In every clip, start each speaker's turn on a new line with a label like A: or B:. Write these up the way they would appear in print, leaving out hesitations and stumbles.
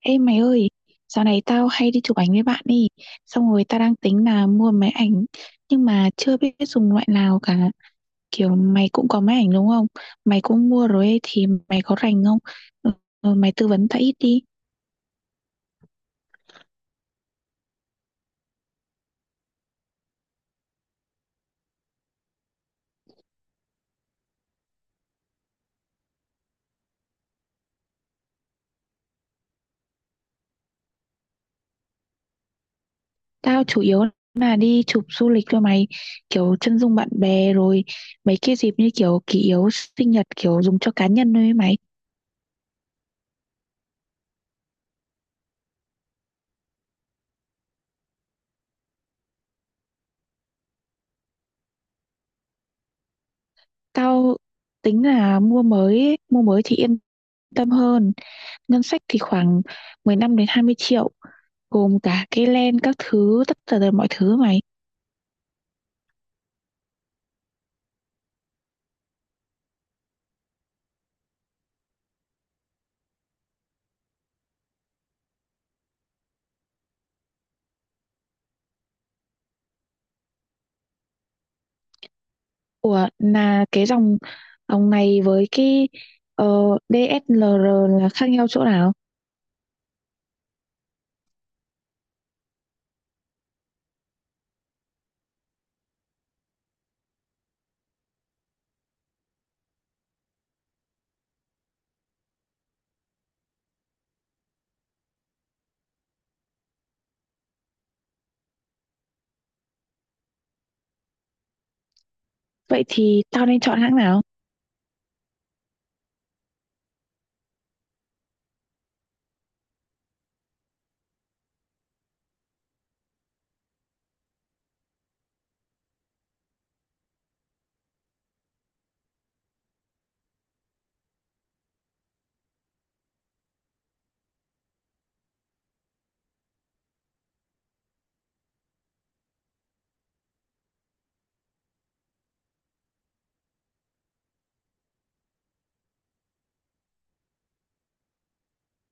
A: Ê mày ơi, dạo này tao hay đi chụp ảnh với bạn đi. Xong rồi tao đang tính là mua máy ảnh nhưng mà chưa biết dùng loại nào cả. Kiểu mày cũng có máy ảnh đúng không? Mày cũng mua rồi ấy, thì mày có rành không? Ừ, ừ, mày tư vấn tao ít đi. Tao chủ yếu là đi chụp du lịch cho mày, kiểu chân dung bạn bè rồi mấy cái dịp như kiểu kỷ yếu sinh nhật kiểu dùng cho cá nhân thôi ấy mày. Tao tính là mua mới thì yên tâm hơn. Ngân sách thì khoảng 15 đến 20 triệu gồm cả cái len các thứ tất cả tật mọi thứ mày. Ủa là cái dòng dòng này với cái ờ, DSLR là khác nhau chỗ nào? Vậy thì tao nên chọn hãng nào?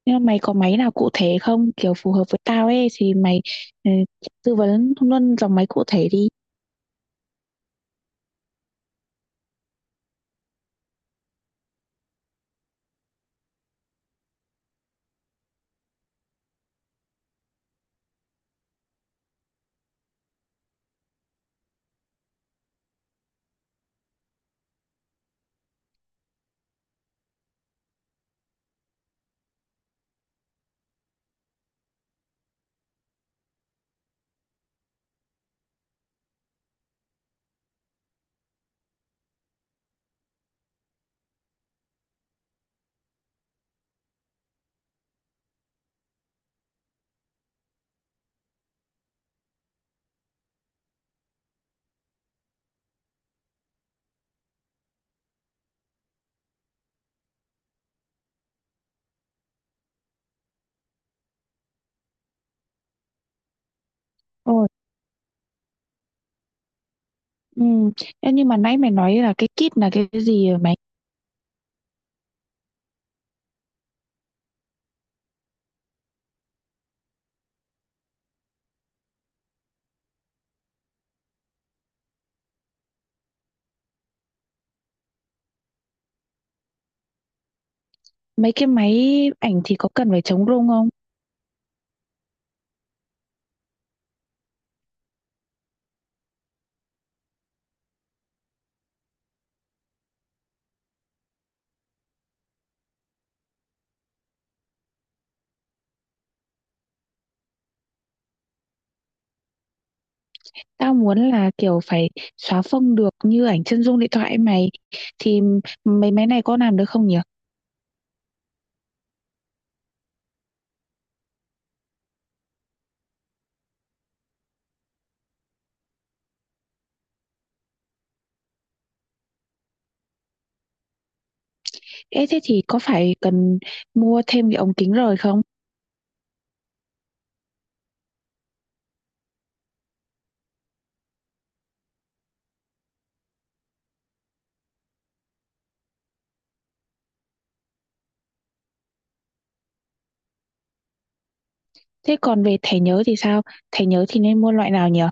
A: Nhưng mà mày có máy nào cụ thể không, kiểu phù hợp với tao ấy, thì mày ừ, tư vấn luôn dòng máy cụ thể đi. Ôi, ừ. Ê, nhưng mà nãy mày nói là cái kit là cái gì vậy mày? Mấy cái máy ảnh thì có cần phải chống rung không? Tao muốn là kiểu phải xóa phông được như ảnh chân dung điện thoại ấy mày, thì mấy máy này có làm được không nhỉ? Ê thế thì có phải cần mua thêm cái ống kính rồi không? Thế còn về thẻ nhớ thì sao? Thẻ nhớ thì nên mua loại nào nhỉ?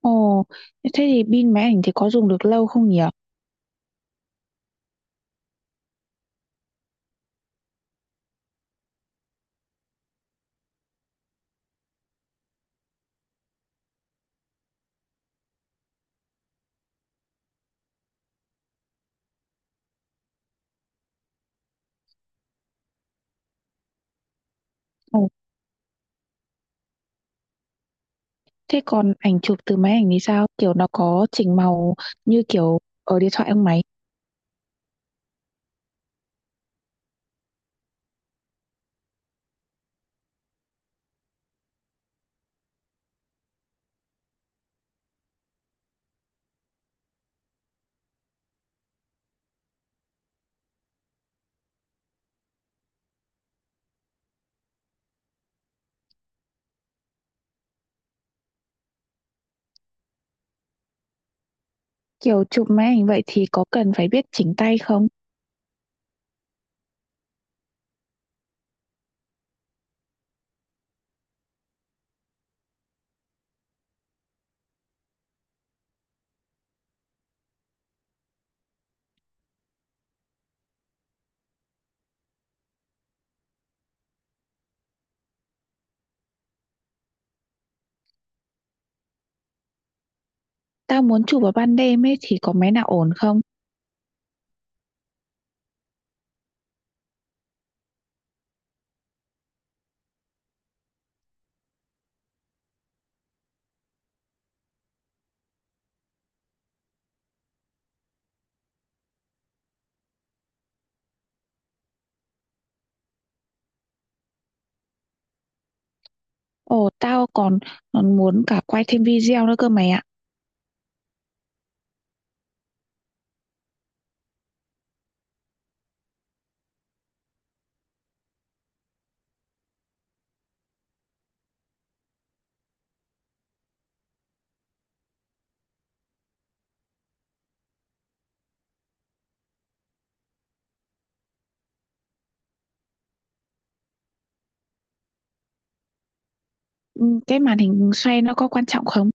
A: Ồ, thế thì pin máy ảnh thì có dùng được lâu không nhỉ? Ồ, thế còn ảnh chụp từ máy ảnh thì sao? Kiểu nó có chỉnh màu như kiểu ở điện thoại không mày? Kiểu chụp máy ảnh vậy thì có cần phải biết chỉnh tay không? Tao muốn chụp vào ban đêm ấy thì có máy nào ổn không? Ồ, tao còn, còn muốn cả quay thêm video nữa cơ mày ạ. Ừ, cái màn hình xoay nó có quan trọng không?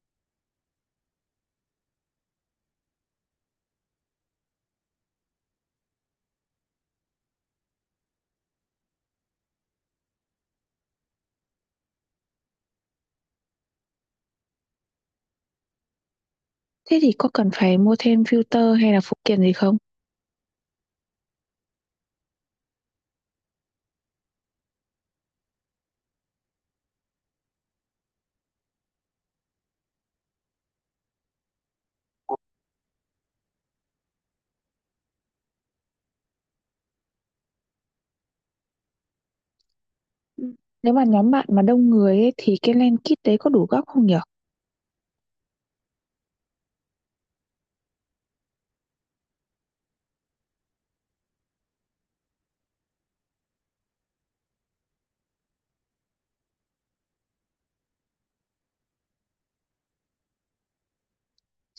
A: Thế thì có cần phải mua thêm filter hay là phụ kiện gì không? Ừ. Nếu mà nhóm bạn mà đông người ấy, thì cái lens kit đấy có đủ góc không nhở?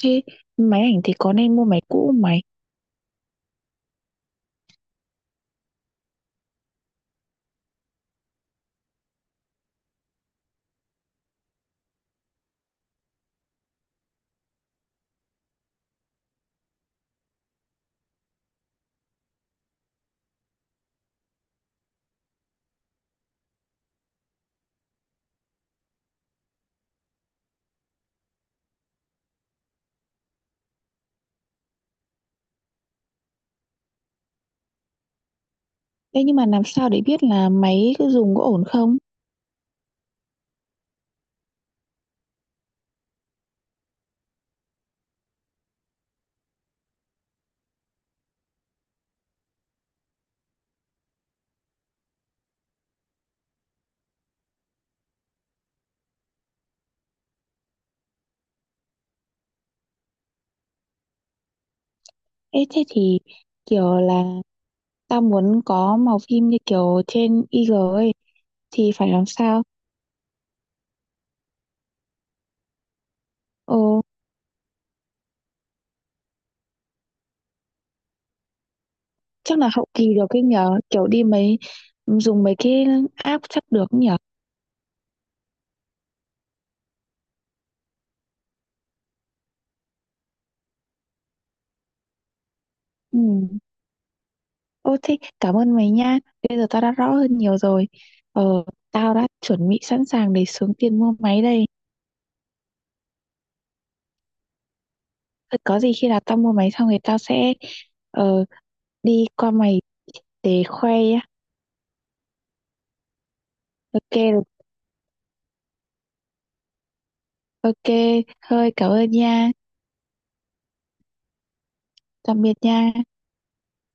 A: Thế máy ảnh thì có nên mua máy cũ không mày? Thế nhưng mà làm sao để biết là máy cứ dùng có ổn không? Ê, thế thì kiểu là tao muốn có màu phim như kiểu trên IG ấy thì phải làm sao? Ờ, chắc là hậu kỳ được cái nhờ kiểu đi mấy dùng mấy cái app chắc được nhờ. Ừ. Ô thế cảm ơn mày nha, bây giờ tao đã rõ hơn nhiều rồi, ờ tao đã chuẩn bị sẵn sàng để xuống tiền mua máy đây. Thôi có gì khi nào tao mua máy xong thì tao sẽ ờ, đi qua mày để khoe nhá. Ok. Ok, thôi cảm ơn nha. Tạm biệt nha.